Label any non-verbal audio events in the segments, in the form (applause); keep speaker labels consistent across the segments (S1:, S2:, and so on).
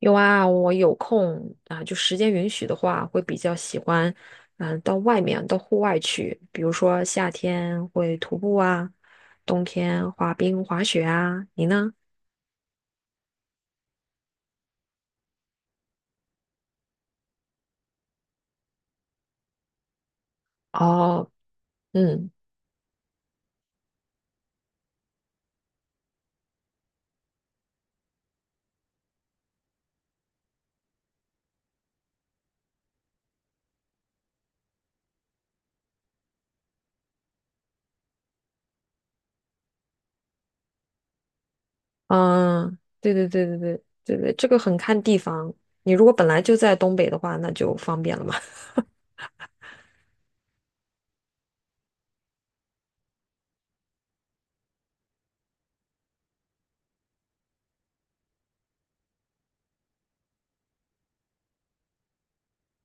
S1: 有啊，我有空啊，就时间允许的话，会比较喜欢，到外面，到户外去，比如说夏天会徒步啊，冬天滑冰、滑雪啊。你呢？哦，嗯嗯，对对对对对对对，这个很看地方。你如果本来就在东北的话，那就方便了嘛。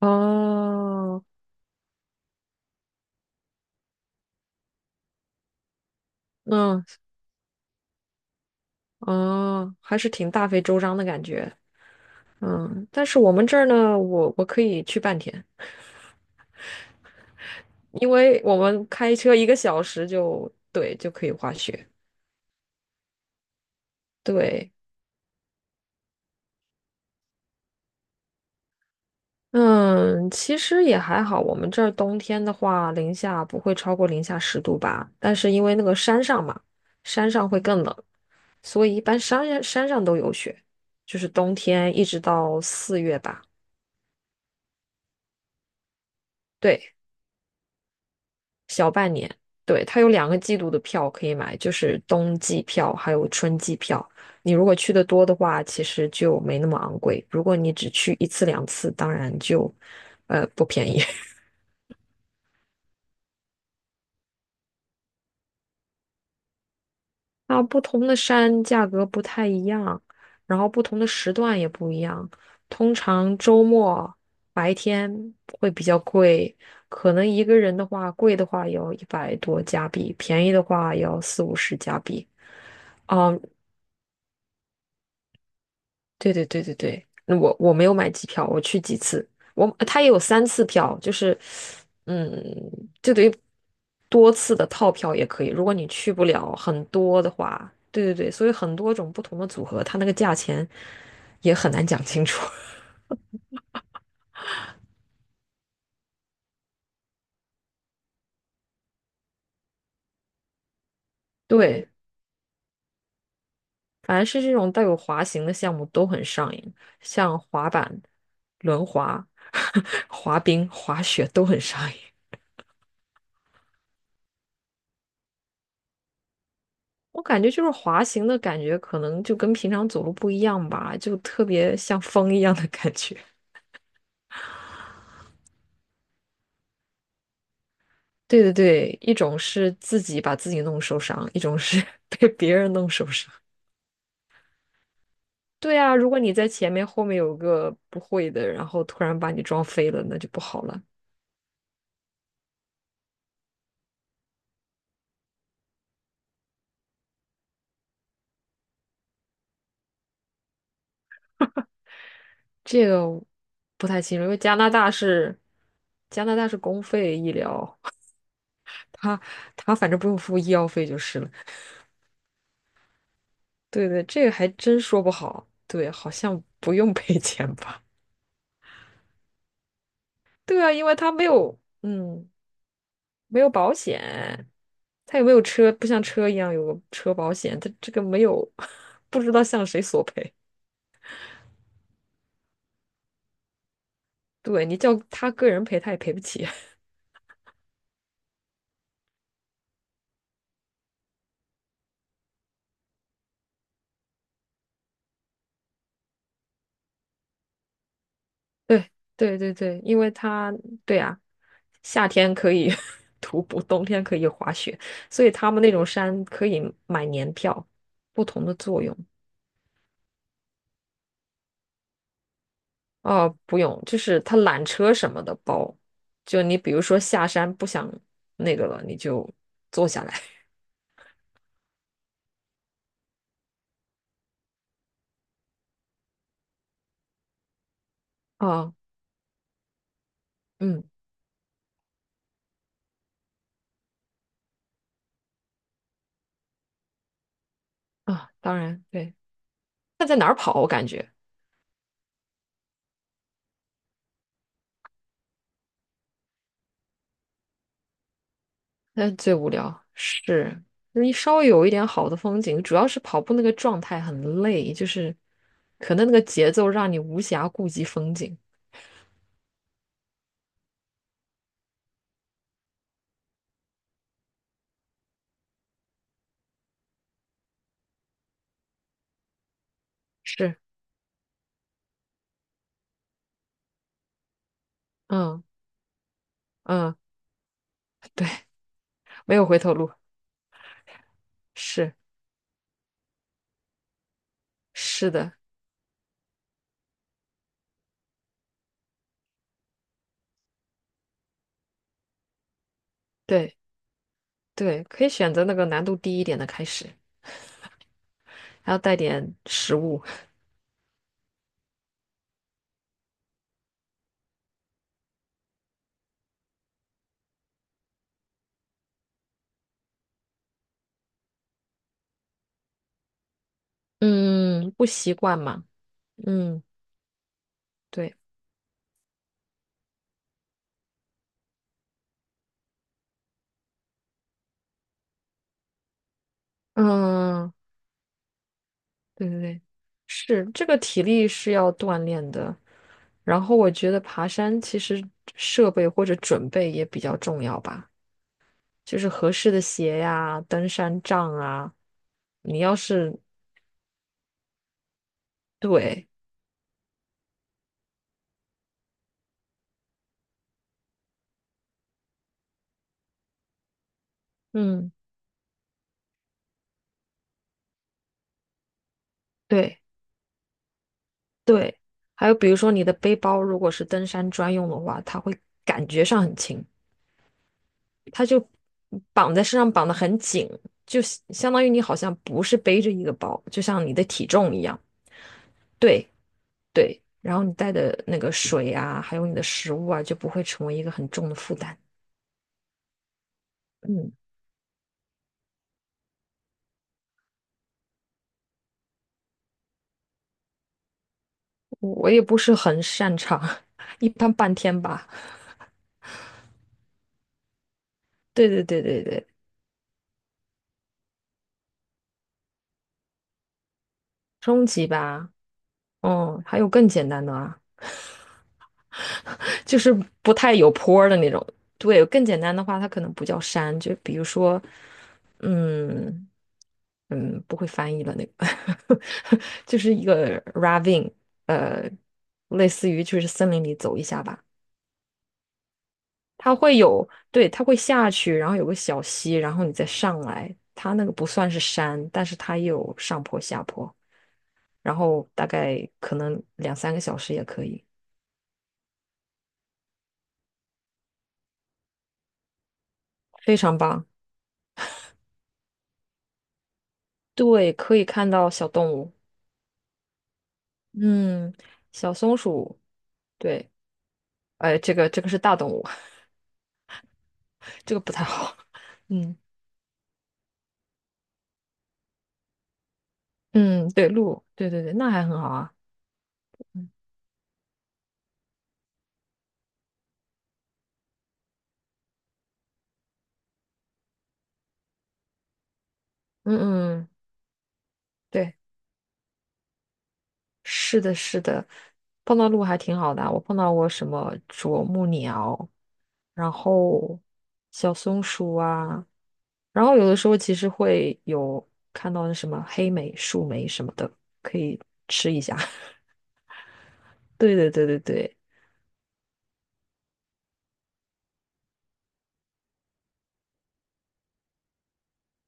S1: (laughs) 哦，那哦，还是挺大费周章的感觉。嗯，但是我们这儿呢，我可以去半天。因为我们开车1个小时就，对，就可以滑雪。对，嗯，其实也还好。我们这儿冬天的话，零下不会超过零下10度吧？但是因为那个山上嘛，山上会更冷，所以一般山上都有雪，就是冬天一直到四月吧。对。小半年。对，它有2个季度的票可以买，就是冬季票还有春季票。你如果去的多的话，其实就没那么昂贵。如果你只去一次两次，当然就不便宜。(laughs) 啊，不同的山价格不太一样，然后不同的时段也不一样。通常周末白天会比较贵，可能一个人的话，贵的话也要100多加币，便宜的话也要四五十加币。嗯。对对对对对，那我没有买机票，我去几次，我他也有三次票，就是，嗯，就等于多次的套票也可以。如果你去不了很多的话，对对对，所以很多种不同的组合，它那个价钱也很难讲清楚。(laughs) 对，反正是这种带有滑行的项目都很上瘾，像滑板、轮滑、(laughs) 滑冰、滑雪都很上瘾。我感觉就是滑行的感觉，可能就跟平常走路不一样吧，就特别像风一样的感觉。(laughs) 对对对，一种是自己把自己弄受伤，一种是 (laughs) 被别人弄受伤。对啊，如果你在前面，后面有个不会的，然后突然把你撞飞了，那就不好了。这个不太清楚，因为加拿大是公费医疗，(laughs) 他他反正不用付医药费就是了。对对，这个还真说不好。对，好像不用赔钱吧。对啊，因为他没有，嗯，没有保险，他也没有车，不像车一样有个车保险，他这个没有，(laughs) 不知道向谁索赔。对你叫他个人赔，他也赔不起。(laughs) 对对对对，因为他对啊，夏天可以 (laughs) 徒步，冬天可以滑雪，所以他们那种山可以买年票，不同的作用。哦，不用，就是他缆车什么的包，就你比如说下山不想那个了，你就坐下来。啊，嗯啊，当然对，那在哪儿跑，我感觉那最无聊是你稍微有一点好的风景，主要是跑步那个状态很累，就是可能那个节奏让你无暇顾及风景。是，嗯嗯，对，没有回头路。是，是的，对对，可以选择那个难度低一点的开始，还要带点食物。(laughs) 嗯，不习惯嘛。嗯，对，嗯。对对对，是这个体力是要锻炼的，然后我觉得爬山其实设备或者准备也比较重要吧，就是合适的鞋呀、登山杖啊。你要是对，嗯，对对，还有比如说你的背包如果是登山专用的话，它会感觉上很轻，它就绑在身上绑得很紧，就相当于你好像不是背着一个包，就像你的体重一样。对。对，然后你带的那个水啊，还有你的食物啊，就不会成为一个很重的负担。嗯，我也不是很擅长，(laughs) 一般半天吧。对对对对对，中级吧。嗯，还有更简单的啊，就是不太有坡儿的那种。对，更简单的话，它可能不叫山，就比如说，嗯嗯，不会翻译了那个，(laughs) 就是一个 ravine，呃，类似于就是森林里走一下吧。它会有，对，它会下去，然后有个小溪，然后你再上来。它那个不算是山，但是它也有上坡下坡，然后大概可能两三个小时也可以，非常棒。对，可以看到小动物，嗯，小松鼠，对，这个是大动物，(laughs) 这个不太好。嗯嗯，对，鹿，对对对，那还很好啊。嗯嗯，嗯，对。是的，是的，碰到鹿还挺好的啊我碰到过什么啄木鸟，然后小松鼠啊，然后有的时候其实会有看到那什么黑莓、树莓什么的，可以吃一下。(laughs) 对对对对对，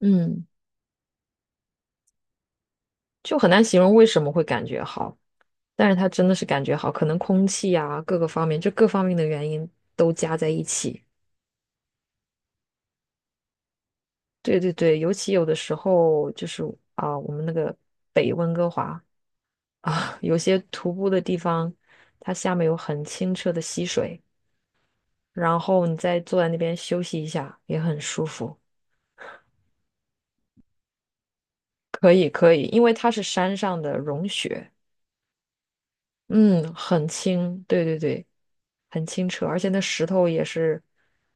S1: 嗯，就很难形容为什么会感觉好，但是它真的是感觉好，可能空气啊，各个方面，就各方面的原因都加在一起。对对对，尤其有的时候就是我们那个北温哥华有些徒步的地方，它下面有很清澈的溪水，然后你再坐在那边休息一下，也很舒服。可以可以，因为它是山上的融雪，嗯，很清，对对对，很清澈，而且那石头也是，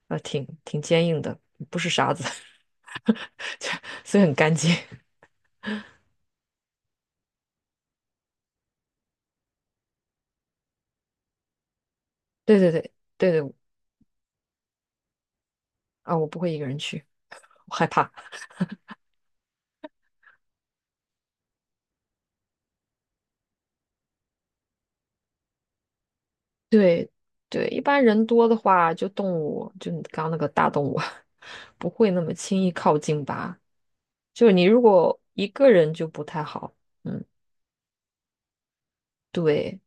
S1: 挺坚硬的，不是沙子，(laughs) 所以很干净。(laughs) 对对对对对，我不会一个人去，我害怕。对对，一般人多的话，就动物，就你刚刚那个大动物，(laughs) 不会那么轻易靠近吧？就是你如果一个人就不太好，嗯，对。